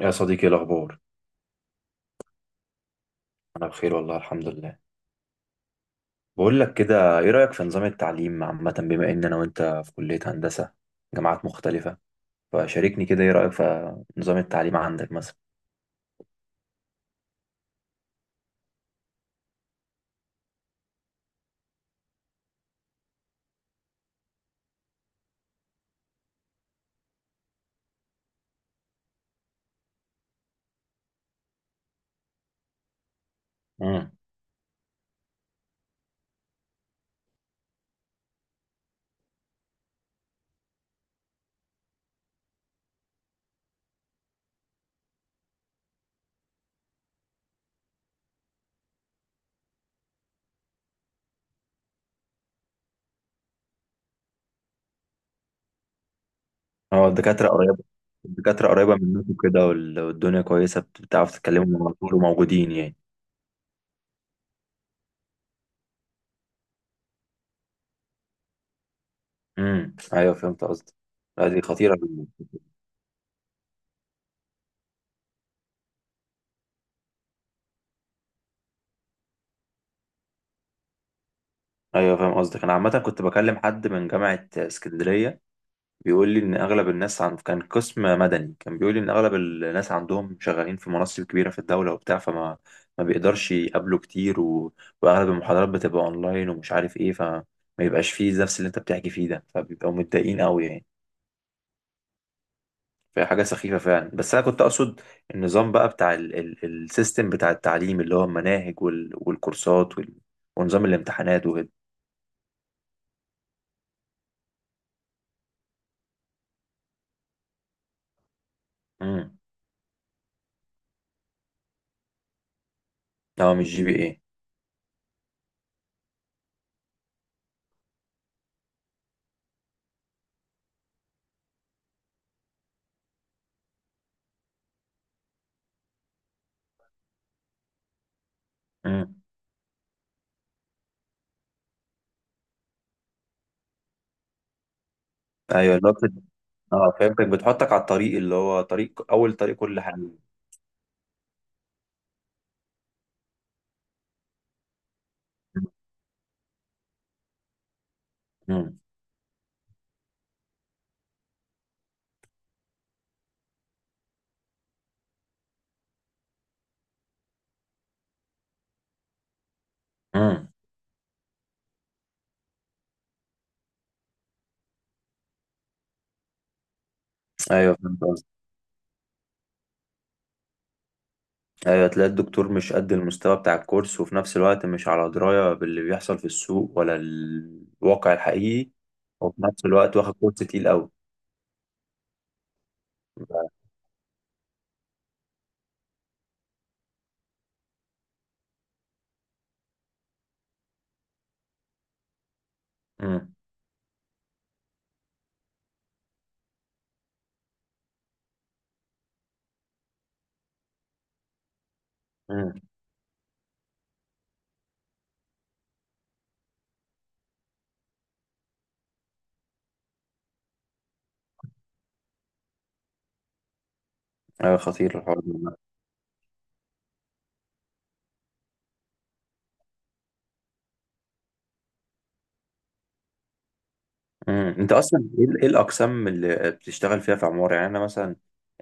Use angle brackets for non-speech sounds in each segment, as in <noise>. يا صديقي، إيه الأخبار؟ أنا بخير، والله الحمد لله. بقول لك كده، إيه رأيك في نظام التعليم عامة، بما إن أنا وأنت في كلية هندسة جامعات مختلفة؟ فشاركني كده، إيه رأيك في نظام التعليم عندك مثلا؟ امم. أه، الدكاترة قريبة. الدكاترة قريبة منكم كده، وال- والدنيا كويسة، بتعرف تتكلموا مع طول وموجودين يعني. امم، أيوه، فهمت قصدك. لا، دي خطيرة جدا. أيوه، فاهم قصدك. أنا عامة كنت بكلم حد من جامعة اسكندرية، بيقول لي ان اغلب الناس، عن كان قسم مدني، كان بيقول لي ان اغلب الناس عندهم شغالين في مناصب كبيره في الدوله وبتاع، فما ما بيقدرش يقابله كتير، و... واغلب المحاضرات بتبقى اونلاين ومش عارف ايه، فما يبقاش فيه نفس اللي انت بتحكي فيه ده، فبيبقوا متضايقين قوي يعني. فهي حاجه سخيفه فعلا. بس انا كنت اقصد النظام بقى بتاع السيستم بتاع التعليم، اللي هو المناهج والكورسات ونظام الامتحانات وكده. امم، اه، مش GPA. امم، ايوه، اللي هو اه، فهمتك، بتحطك على الطريق، اللي هو طريق اول، طريق كل حاجه. امم. امم، ايوه، فهمت قصدك. ايوه، تلاقي الدكتور مش قد المستوى بتاع الكورس، وفي نفس الوقت مش على درايه باللي بيحصل في السوق ولا الواقع الحقيقي، وفي نفس الوقت واخد كورس تقيل قوي. امم. امم، ايوه، خطير الحوار ده. امم، انت اصلا ايه إيه الاقسام اللي بتشتغل فيها في عماره يعني؟ انا مثلا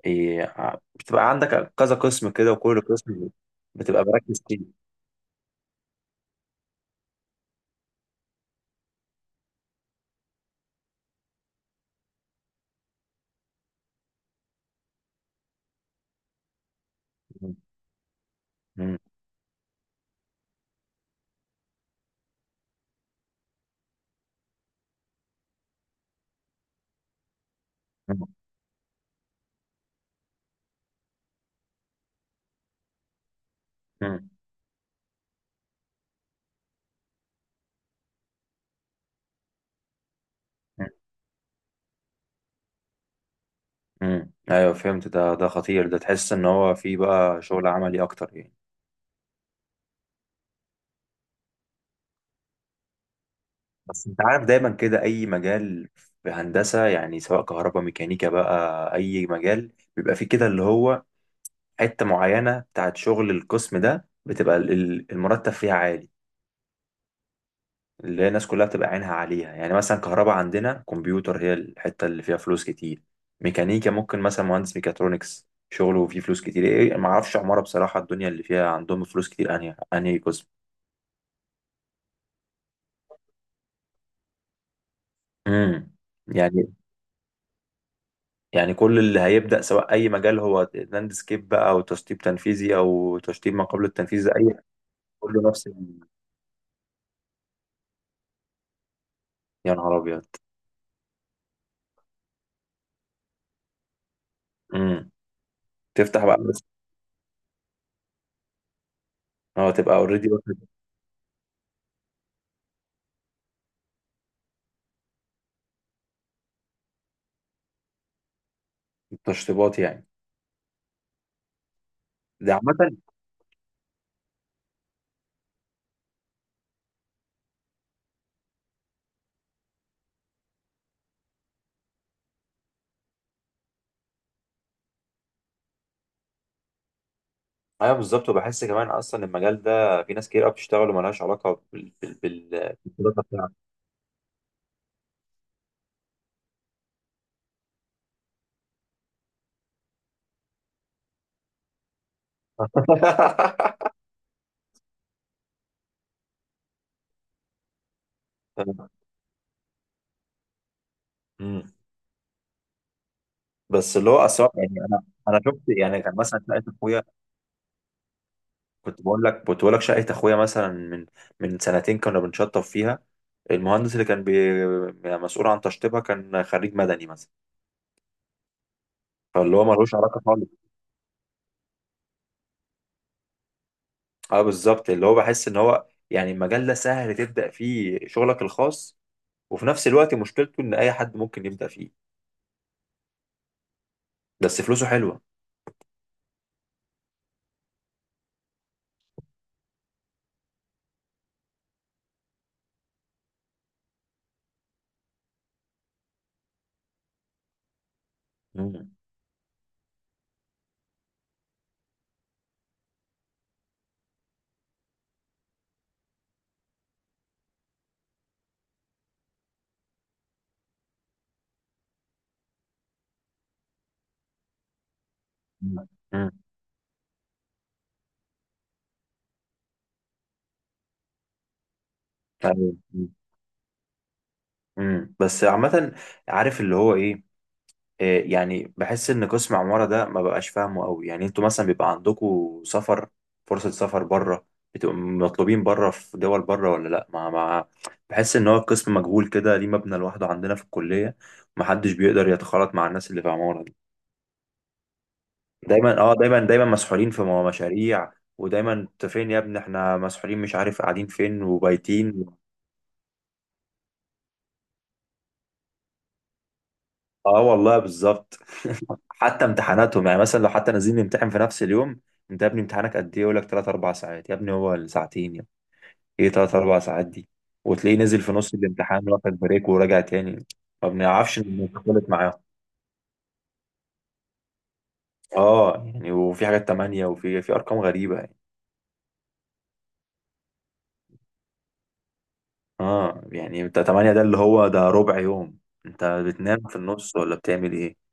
إيه، بتبقى عندك كذا قسم كده، وكل قسم بتبقى مركز فيه؟ مم. مم. مم. امم، ايوه، فهمت. ده خطير ده، تحس ان هو فيه بقى شغل عملي اكتر يعني. بس انت عارف دايما كده، اي مجال في هندسه يعني، سواء كهرباء ميكانيكا بقى، اي مجال بيبقى فيه كده اللي هو حته معينه بتاعت شغل القسم ده، بتبقى المرتب فيها عالي، اللي هي الناس كلها بتبقى عينها عليها. يعني مثلا كهرباء عندنا كمبيوتر هي الحته اللي فيها فلوس كتير. ميكانيكا ممكن مثلا مهندس ميكاترونكس شغله فيه فلوس كتير. ايه، ما اعرفش عماره بصراحه، الدنيا اللي فيها عندهم فلوس كتير انهي قسم؟ امم، يعني يعني كل اللي هيبدأ سواء أي مجال، هو لاندسكيب بقى أو تشطيب تنفيذي أو تشطيب ما قبل التنفيذ، أي كله نفس يا نهار أبيض! امم، تفتح بقى بس. أه، تبقى أوريدي. تشطيبات يعني. ده عامة. أيوه بالظبط، وبحس كمان أصلا المجال ده في ناس كتير قوي بتشتغل وملهاش علاقة بالدراسة بتاعتك. <laughs> امم، بس اللي هو أصلا يعني أنا شفت يعني، كان مثلا لقيت أخويا. كنت بقول لك شقه اخويا مثلا من سنتين كنا بنشطب فيها. المهندس اللي كان يعني مسؤول عن تشطيبها كان خريج مدني مثلا. فاللي هو ملوش علاقه خالص. اه بالظبط، اللي هو بحس ان هو يعني المجال ده سهل تبدا فيه شغلك الخاص، وفي نفس الوقت مشكلته ان اي حد ممكن يبدا فيه. بس فلوسه حلوه. امم. امم، أيوة. مم. مم. بس عامه، عارف اللي هو ايه؟ إيه يعني، بحس ان قسم عمارة ده ما بقاش فاهمه قوي. يعني انتوا مثلا بيبقى عندكم سفر، فرصة سفر بره، بتبقوا مطلوبين بره في دول بره، ولا لا؟ ما بحس ان هو القسم مجهول كده، ليه مبنى لوحده عندنا في الكلية؟ محدش بيقدر يتخالط مع الناس اللي في عمارة دي. دايما مسحولين في مشاريع. ودايما انت فين يا ابني، احنا مسحولين، مش عارف قاعدين فين وبايتين. اه، والله بالظبط. حتى امتحاناتهم، يعني مثلا لو حتى نازلين نمتحن في نفس اليوم، انت يا ابني امتحانك قد ايه؟ يقول لك 3 4 ساعات. يا ابني هو الساعتين يا ابني. ايه 3 4 ساعات دي؟ وتلاقيه نزل في نص الامتحان واخد بريك وراجع تاني. ما بنعرفش نتخلط معاهم. اه يعني، وفي حاجات 8، وفي ارقام غريبة يعني. اه يعني، انت 8 ده اللي هو ده ربع يوم، انت بتنام في النص ولا بتعمل ايه؟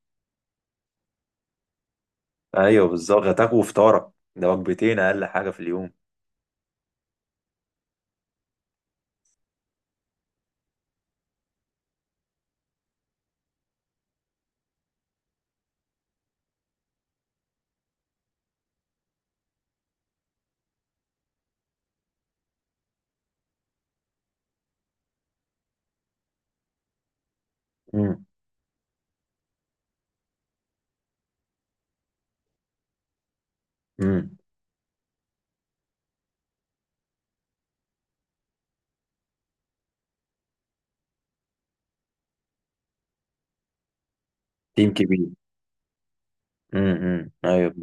ايوه بالظبط، غداك وفطارك ده وجبتين اقل حاجة في اليوم. امم. امم، تيم كبير. امم، ايوه،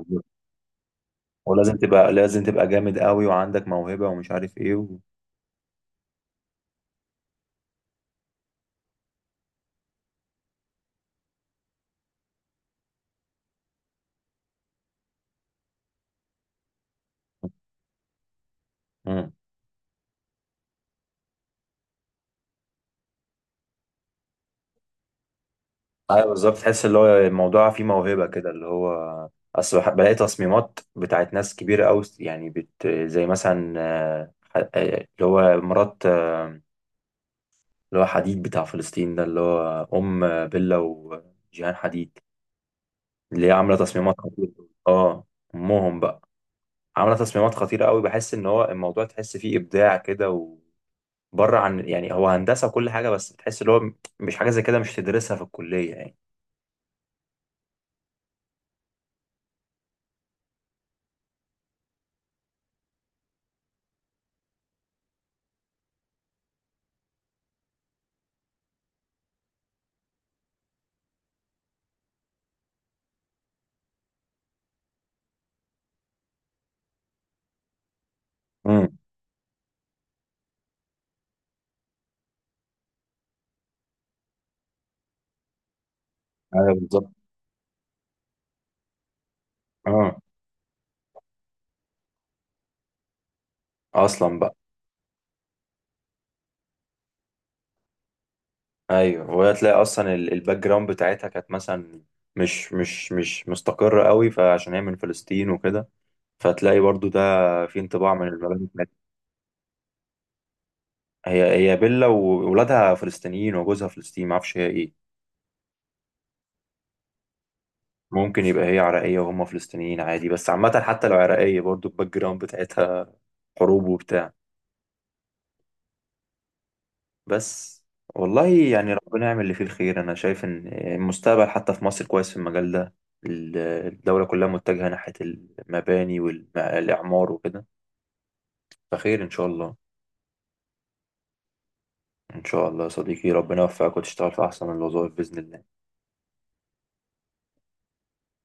ولازم تبقى لازم تبقى جامد قوي وعندك موهبة ومش عارف ايه و. مم. ايوه بالظبط، تحس اللي هو الموضوع فيه موهبة كده، اللي هو اصل بلاقي تصميمات بتاعت ناس كبيرة قوي، يعني زي مثلا اللي هو مرات اللي هو حديد بتاع فلسطين ده، اللي هو ام بيلا وجيهان حديد، اللي هي عاملة تصميمات خطيرة. اه، امهم بقى. عاملة تصميمات خطيرة قوي، بحس ان هو الموضوع تحس فيه ابداع كده، بره عن يعني هو هندسه وكل حاجه، بس بتحس اللي هو مش حاجه زي كده، مش تدرسها في الكليه يعني. امم، ايوه بالظبط. اه، اصلا بقى ايوه، وهي تلاقي اصلا الباك جراوند بتاعتها كانت مثلا مش مستقره قوي، فعشان هي من فلسطين وكده، فتلاقي برضو ده في انطباع من المباني بتاعتها. هي بيلا وولادها فلسطينيين وجوزها فلسطيني، ما اعرفش هي ايه. ممكن يبقى هي عراقيه وهم فلسطينيين عادي. بس عامه حتى لو عراقيه، برضو الباك جراوند بتاعتها حروب وبتاع. بس والله، يعني ربنا يعمل اللي فيه الخير. انا شايف ان المستقبل حتى في مصر كويس في المجال ده، الدولة كلها متجهة ناحية المباني والإعمار وكده، فخير إن شاء الله. إن شاء الله يا صديقي، ربنا يوفقك وتشتغل في أحسن الوظائف بإذن الله.